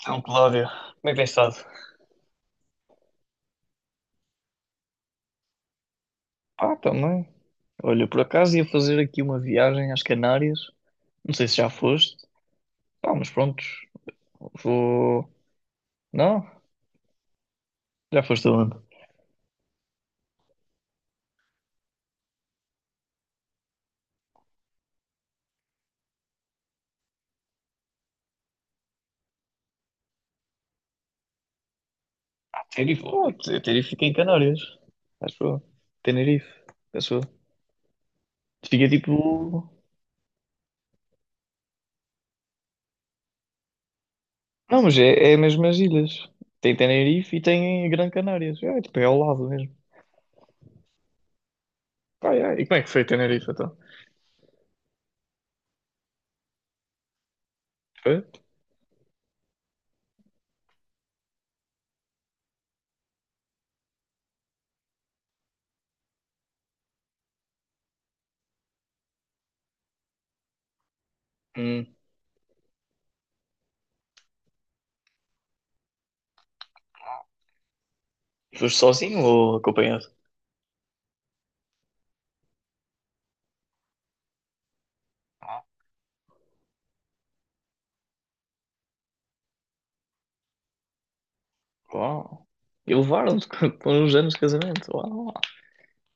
Então, Cláudio, bem pensado. Ah, também. Olha, por acaso ia fazer aqui uma viagem às Canárias. Não sei se já foste. Pá, mas pronto. Vou. Não? Já foste aonde? Tenerife, oh, Tenerife fica em Canárias. Acho eu. Tenerife. Acho eu. Fica tipo. Não, mas é mesmo as ilhas. Tem Tenerife e tem Gran Canárias. É, tipo, é ao lado mesmo. Pá, é. E como é que foi Tenerife então? Foi? Hum, foste sozinho ou acompanhado? Uau. E levaram-te com uns anos de casamento. Uau.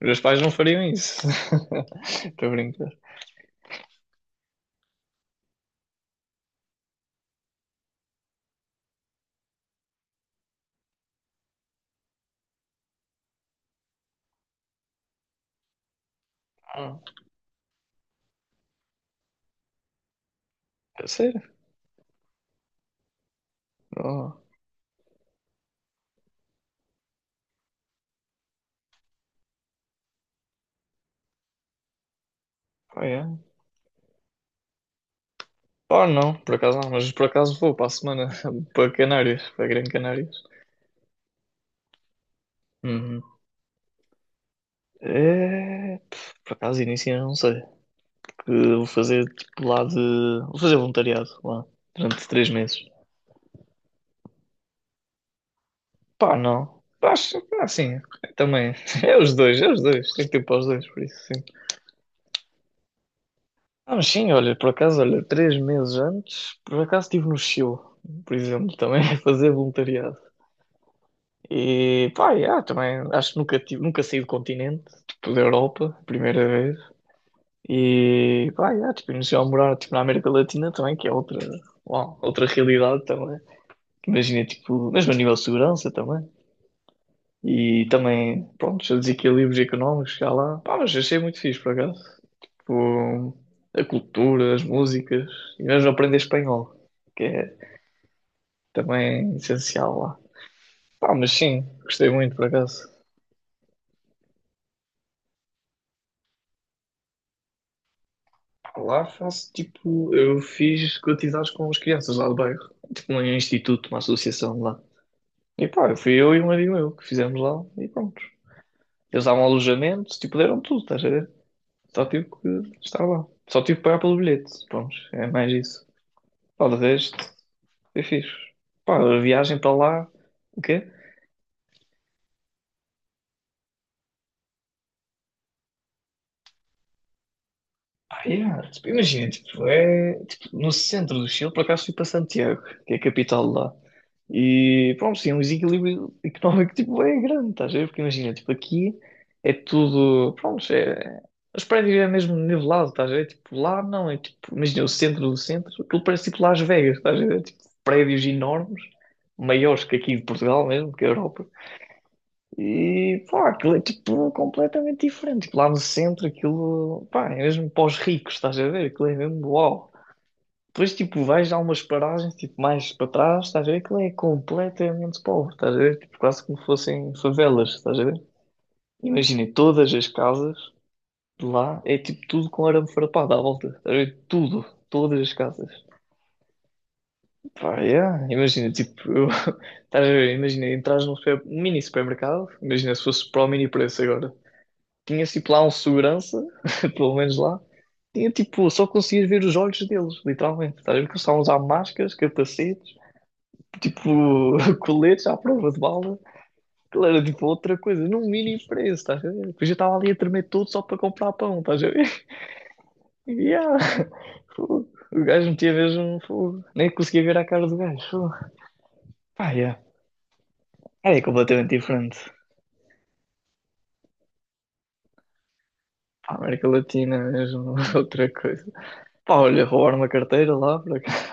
Meus pais não fariam isso. Estou a brincar. Ah, é sério? Oh, oh, yeah. Oh, não, por acaso não, mas por acaso vou para a semana para Canárias, para Grande Canárias. Uhum. É, por acaso início eu não sei. Que eu vou fazer tipo lá de. Vou fazer voluntariado lá durante 3 meses. Pá, não. Acho que assim, também. É os dois, é os dois. Tem que ter para os dois, por isso. Não, sim, olha, por acaso, olha, 3 meses antes, por acaso estive no Chile, por exemplo, também a fazer voluntariado. E pá, yeah, também acho que nunca, tive, nunca saí do continente, tipo da Europa, primeira vez. E pá, yeah, tipo, iniciei a morar tipo, na América Latina também, que é outra, uau, outra realidade também. Imagina, tipo, mesmo a nível de segurança também. E também, pronto, os desequilíbrios económicos, que há lá. Pá, mas achei muito fixe, por acaso. Tipo, a cultura, as músicas, e mesmo aprender espanhol, que é também essencial lá. Pá, mas sim, gostei muito, por acaso. Lá faço, tipo, eu fiz atividades com as crianças lá do bairro. Tipo, um instituto, uma associação lá. E pá, eu fui eu e um amigo meu que fizemos lá, e pronto. Eles davam alojamento, tipo, deram tudo, estás a ver? Só tive que estar lá. Só tive que pagar pelo bilhete, pronto, é mais isso. Pá, de resto, foi fixe. Pá, a viagem para lá, o quê? Ah, yeah, tipo, imagina, tipo, é tipo, no centro do Chile, por acaso fui para Santiago, que é a capital de lá. E pronto, sim, é um desequilíbrio económico tipo, é grande, estás a ver? Porque imagina, tipo, aqui é tudo, pronto, é, os prédios é mesmo nivelado, estás a ver? Tipo, lá não, é tipo, imagina o centro do centro, aquilo parece tipo Las Vegas, estás a ver? Tipo, prédios enormes, maiores que aqui de Portugal mesmo, que a Europa. E pá, aquilo é tipo completamente diferente. Tipo, lá no centro, aquilo pá, é mesmo para os ricos, estás a ver? Aquilo é mesmo uau. Depois, tipo, vais a umas paragens tipo, mais para trás, estás a ver? Aquilo é completamente pobre, estás a ver? Tipo, quase como fossem favelas, estás a ver? Imagina, todas as casas de lá é tipo tudo com arame farpado à volta, estás a ver? Tudo, todas as casas. Pá, yeah. Imagina, tipo, eu, estás a ver? Imagina, entras num mini supermercado, imagina se fosse para o mini preço agora. Tinha tipo lá um segurança, pelo menos lá. Tinha tipo, só conseguias ver os olhos deles, literalmente. Estás a ver que eles estavam a usar máscaras, capacetes, tipo, coletes à prova de bala. Aquilo era tipo outra coisa, num mini preço, estás a ver? Depois eu estava ali a tremer todo só para comprar pão, estás a ver? Yeah. Fogo. O gajo metia mesmo fogo. Nem conseguia ver a cara do gajo. Fogo. Pá, yeah. É completamente diferente. Pá, América Latina é mesmo outra coisa. Pá, olha, roubaram uma carteira lá, por acaso.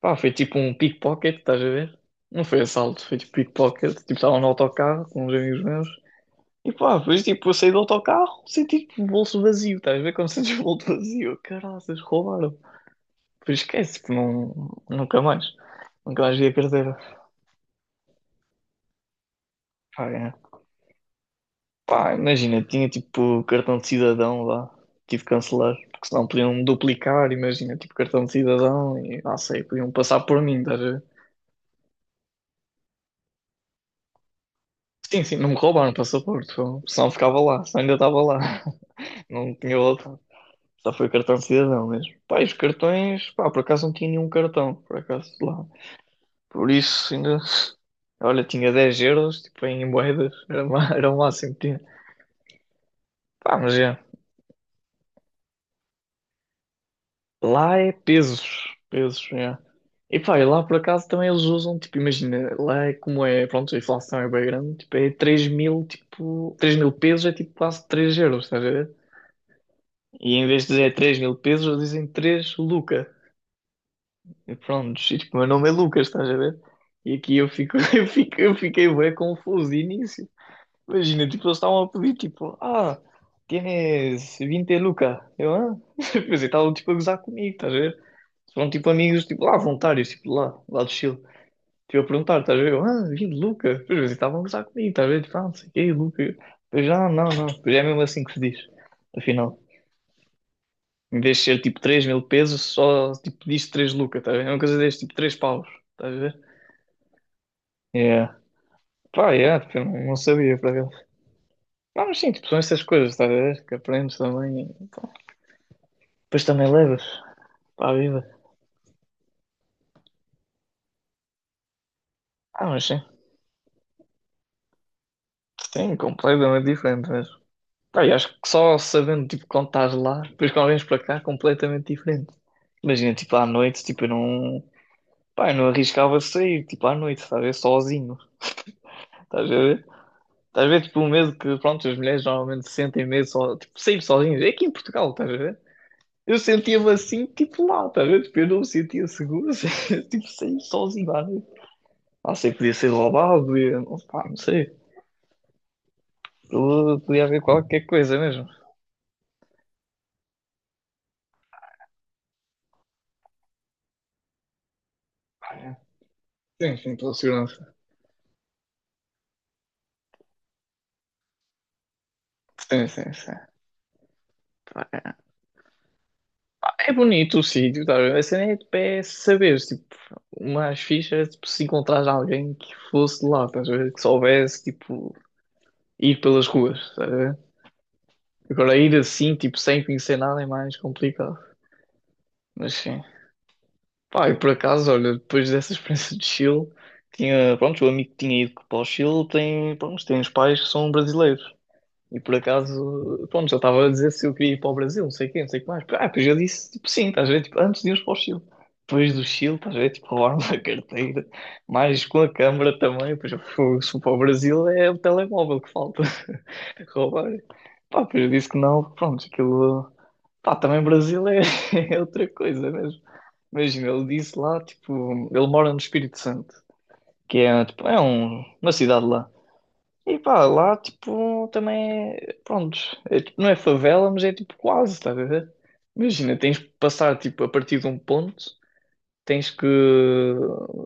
Pá, foi tipo um pickpocket, estás a ver? Não foi assalto, foi tipo pickpocket. Tipo, estava no autocarro com uns amigos meus. E pá, depois tipo, eu saí do autocarro, senti tipo o bolso vazio, estás a ver? Como sentes o bolso vazio. Caraças, roubaram. Depois esquece, tipo, não, nunca mais. Nunca mais vi a carteira. Pá, é. Pá, imagina, tinha tipo cartão de cidadão lá. Tive que cancelar, porque senão podiam duplicar, imagina, tipo cartão de cidadão e não sei, podiam passar por mim, estás a ver? Sim, sim, não me roubaram o passaporte, senão ficava lá, senão ainda estava lá. Não tinha outra. Só foi o cartão de cidadão mesmo. Pá, e os cartões, pá, por acaso não tinha nenhum cartão, por acaso lá. Por isso ainda. Olha, tinha 10 euros, tipo, em moedas, era, era o máximo que tinha. Pá, mas é. Lá é pesos, pesos, é. E pá, e lá por acaso também eles usam, tipo, imagina, lá é como é, pronto, a inflação é bem grande, tipo, é 3 mil, tipo, 3 mil pesos é tipo quase 3 euros, estás a ver? E em vez de dizer 3 mil pesos, eles dizem 3 lucas. E pronto, e, tipo, meu nome é Lucas, estás a ver? E aqui eu fico, eu fico, eu fiquei bem confuso início. Imagina, tipo, eles estavam a pedir, tipo, ah, tienes 20 lucas. Eu, ah? Quer dizer, estavam, tipo, a gozar comigo, estás a ver? São, tipo, amigos, tipo, lá, voluntários, tipo, lá do Chile. Tipo, a perguntar, estás a ver? Eu, ah, 20 lucas. Depois, eles estavam a gozar comigo, estás a ver? Tipo, ah, não sei o quê, lucas. Depois, ah, não, não. Depois é mesmo assim que se diz, afinal. Em vez de ser, tipo, 3 mil pesos, só, tipo, diz 3 lucas, estás a ver? É uma coisa deste, tipo, 3 paus, estás a ver? Yeah. Pá, yeah, tipo, eu não sabia para ver. Pá, mas sim, tipo, são essas coisas, estás a ver? Que aprendes também. E, pá, depois também levas para a vida. Ah, mas sim. Sim, completamente diferente mesmo. Pá, e acho que só sabendo, tipo, quando estás lá, depois quando vens para cá, completamente diferente. Imagina, tipo, à noite, tipo, eu não. Pá, eu não arriscava sair, tipo, à noite, estás a ver? Sozinho. Estás a ver? Estás a ver, tipo, o medo que, pronto, as mulheres normalmente sentem medo, só, tipo, sair sozinhas. É aqui em Portugal, estás a ver? Eu sentia-me assim, tipo lá, tá a ver? Tipo, eu não me sentia seguro, tipo, saí sozinho lá. Né? Ah, sei, podia ser roubado, podia... não, pá, não sei. Podia haver qualquer coisa mesmo. Sim, sim, pela segurança. Sim, sim, sim. Pá, é bonito o sítio, tá a ver? A cena é, tipo, é saber, tipo, umas fichas, tipo, se encontrares alguém que fosse de lá, estás a ver? Que soubesse, tipo, ir pelas ruas, estás a ver? Agora ir assim, tipo, sem conhecer nada é mais complicado. Mas sim. Pá, e por acaso, olha, depois dessa experiência de Chile, tinha, pronto, o amigo que tinha ido para o Chile tem, pronto, tem uns pais que são brasileiros. E por acaso, pronto, já estava a dizer se eu queria ir para o Brasil, não sei o quê, não sei o que mais. Ah, depois eu disse, tipo, sim, estás a ver, tipo, antes de irmos para o Chile. Depois do Chile, estás a ver, tipo, roubaram-me a carteira, mais com a câmara também, depois eu fui se for para o Brasil, é o telemóvel que falta roubar. Pá, depois eu disse que não, pronto, aquilo... Pá, também Brasil é, é outra coisa mesmo. Imagina, ele disse lá, tipo, ele mora no Espírito Santo, que é, tipo, é uma cidade lá. E pá, lá, tipo, também é, pronto, é, tipo, não é favela, mas é tipo quase, estás a ver? Imagina, tens que passar, tipo, a partir de um ponto, tens que,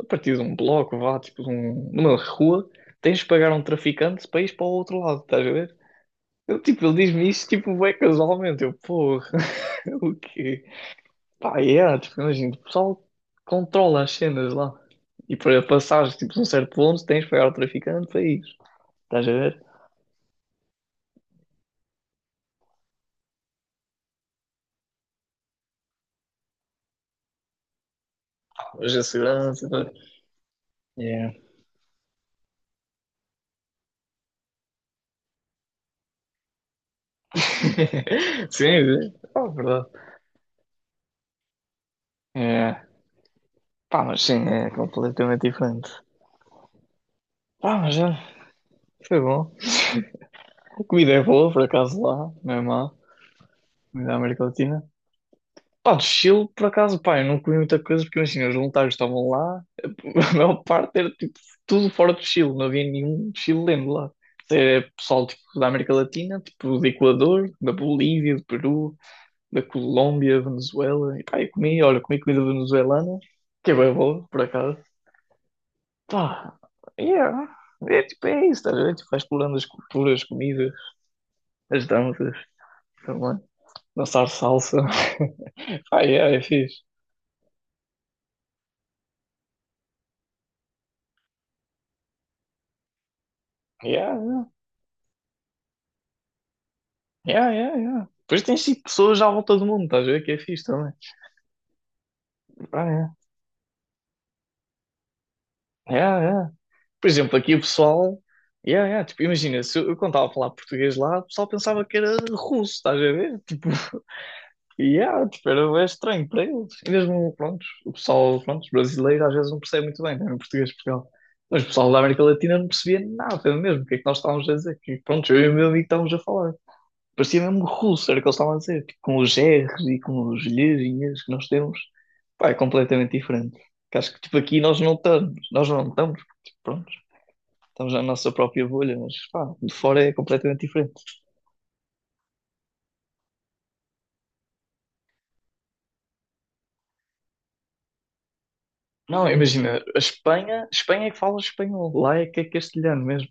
a partir de um bloco, vá, tipo, de um, numa rua, tens que pagar a um traficante para ir para o outro lado, estás a ver? Eu, tipo, ele diz-me isso, tipo, bem casualmente, eu, porra, o quê? Pá, e é, tipo, imagina, o pessoal controla as cenas lá. E para passares, tipo, de um certo ponto, tens de pagar ao traficante para ir. Estás a ver? Mas a segurança, pá. Yeah. Sim, é. Ah, verdade. É. Pá, mas sim, é completamente diferente. Pá, mas já, foi bom. A comida é boa, por acaso, lá, não é má. Comida da América Latina. Pá, de Chile, por acaso, pá, eu não comi muita coisa porque imagina, os voluntários estavam lá, a maior parte era tipo tudo fora do Chile, não havia nenhum chileno lá. É pessoal tipo, da América Latina, tipo do Equador, da Bolívia, do Peru, da Colômbia, Venezuela. E pá, eu comi, olha, comi comida venezuelana, que é bem boa, por acaso. Pá, yeah. É tipo, é isso, estás a ver? Tipo, vai explorando as culturas, as comidas, as danças, também. Dançar salsa. Pá, yeah, é fixe. Yeah, yeah, yeah, yeah. Depois tens tipo pessoas à volta do mundo, estás a ver que é fixe também. Ah, yeah. Yeah, yeah. Por exemplo, aqui o pessoal. Yeah, yeah. Tipo, imagina, se eu quando estava a falar português lá, o pessoal pensava que era russo, estás a ver? Tipo, yeah, tipo, era bué estranho para eles. E mesmo, pronto, o pessoal, pronto, brasileiro às vezes não percebe muito bem, né, em português de Portugal. Mas o pessoal da América Latina não percebia nada mesmo, o que é que nós estávamos a dizer. Que, pronto, eu e o meu amigo estávamos a falar. Parecia mesmo russo, era o que eles estavam a dizer, tipo, com os R's e com os lhezinhas que nós temos. Pá, é completamente diferente. Que acho que tipo, aqui nós não estamos, porque, tipo, pronto, estamos na nossa própria bolha, mas pá, de fora é completamente diferente. Não, imagina, a Espanha, Espanha é que fala espanhol, lá é que é castelhano mesmo.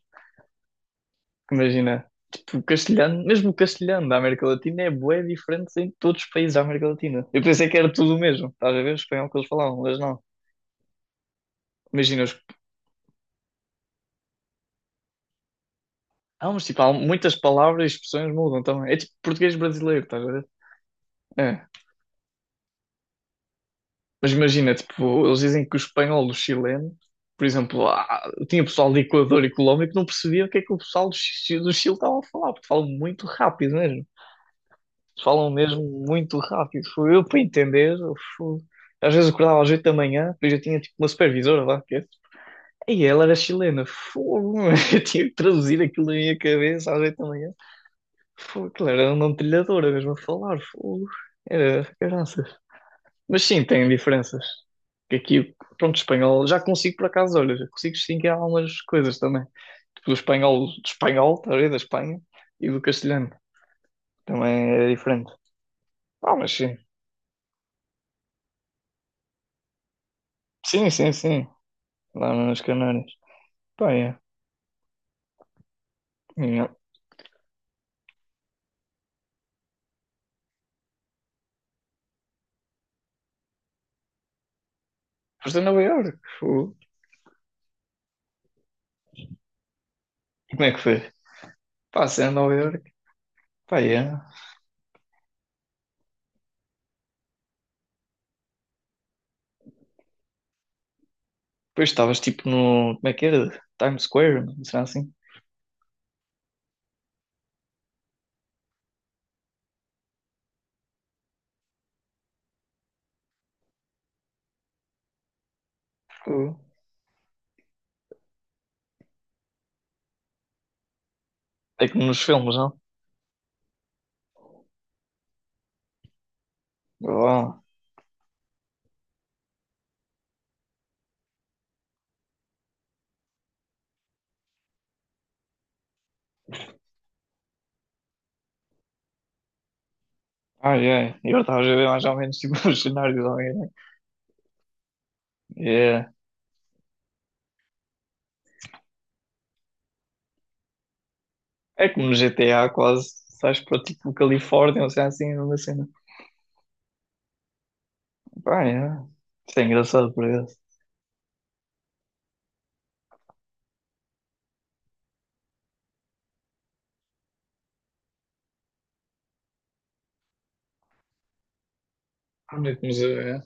Imagina, tipo, o castelhano, mesmo o castelhano da América Latina é bué diferente em todos os países da América Latina. Eu pensei que era tudo o mesmo, estás a ver o espanhol que eles falavam, mas não. Imagina, os... Não, mas tipo, há muitas palavras e expressões mudam também. É tipo português brasileiro, estás a ver? É. Mas imagina, tipo, eles dizem que o espanhol, do chileno, por exemplo, ah, tinha pessoal de Equador e Colômbia que não percebia o que é que o pessoal do, do Chile estava a falar, porque falam muito rápido mesmo. Falam mesmo muito rápido. Foi eu para entender. Às vezes acordava às oito da manhã, depois eu tinha tipo uma supervisora lá, que é. E ela era chilena, fogo, eu tinha que traduzir aquilo na minha cabeça às oito da manhã. Fogo, aquilo era um nome de trilhadora mesmo a falar. Fogo. Era caraças. Mas sim, tem diferenças. Que aqui, pronto, espanhol, já consigo por acaso, olha, já consigo distinguir algumas coisas também. Tipo, do espanhol, tá a ver, da Espanha, e do castelhano. Também é diferente. Ah, mas sim. Sim, sim, sim. Lá nas Canárias. Pá, é. É. Foste a Nova Iorque. Fogo. E como é que foi? Pá, se é a Nova Iorque. Pá, é. Depois estavas tipo no. Como é que era? Times Square, não será assim? Fogo. É como nos filmes, não? Boa. Ai, ai. Eu estava a ver mais ou menos tipo os cenários ao mesmo. É, é como no GTA quase. Sais para tipo Califórnia, ou seja, assim, uma cena. Pá, é. Isto é engraçado por isso. Olha como se vê.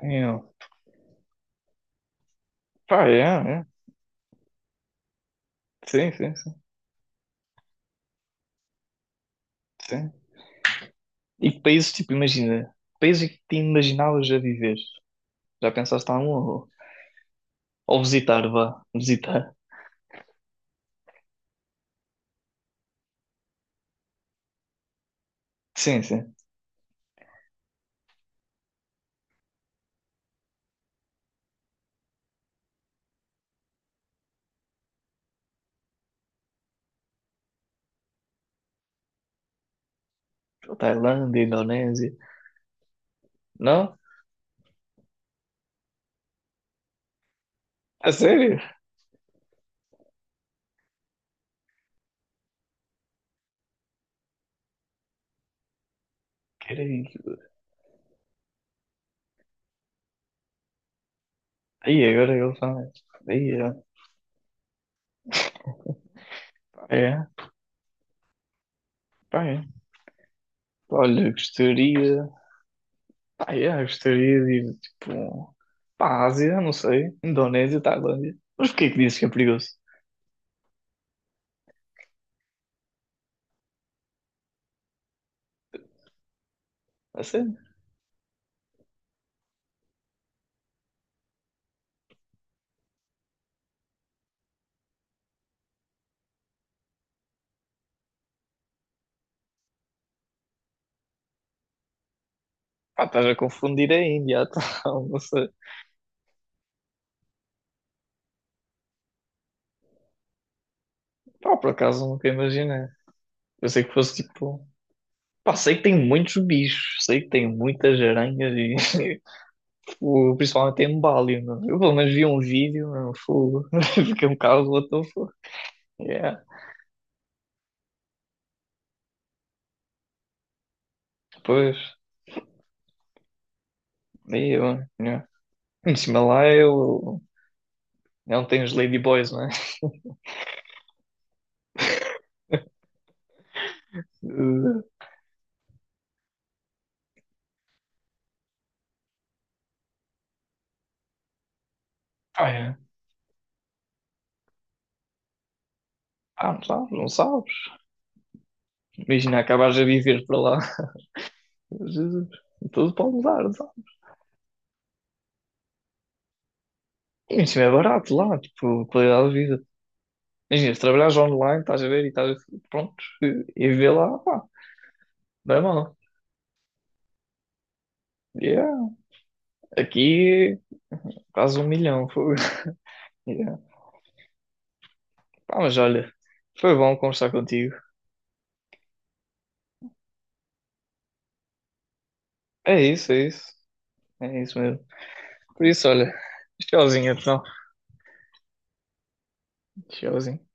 É. É. Pá, é, é. Sim, sim, sim, sim. E que países, tipo, imagina. Países é que te imaginavas a viver. Já pensaste em algum? Ou visitar, vá. Visitar. Sim, sim. Tailândia, Indonésia. Não? A sério? Querem. Aí agora eu falo. Aí, é. Pá, é. Olha, gostaria. Pá, é, gostaria de ir tipo. Pá, à Ásia, não sei. Indonésia, Tailândia. Mas porquê que dizes que é perigoso? A sério? Pá, estás a confundir a Índia, então, não sei. Pá, por acaso nunca imaginei. Eu sei que fosse tipo. Pá, sei que tem muitos bichos, sei que tem muitas aranhas e tipo, principalmente em Bali, não é? Eu pelo menos vi um vídeo, não fogo. Fiquei um bocado what the fuck. Yeah, pois, aí eu, yeah. Em cima lá eu... Não tem os ladyboys, não é? Eh, Ah, é. Ah, não sabes, não sabes. Imagina, acabares a viver para lá. Jesus, tudo pode mudar, não sabes? E é barato lá, tipo, qualidade de vida. Imagina, se trabalhares online, estás a ver e estás a... Pronto, e viver lá, pá, não é mal. Yeah. Aqui, quase 1 milhão, fogo. Yeah. Pá, mas olha, foi bom conversar contigo. É isso, é isso. É isso mesmo. Por isso, olha, tchauzinho, então. Tchauzinho.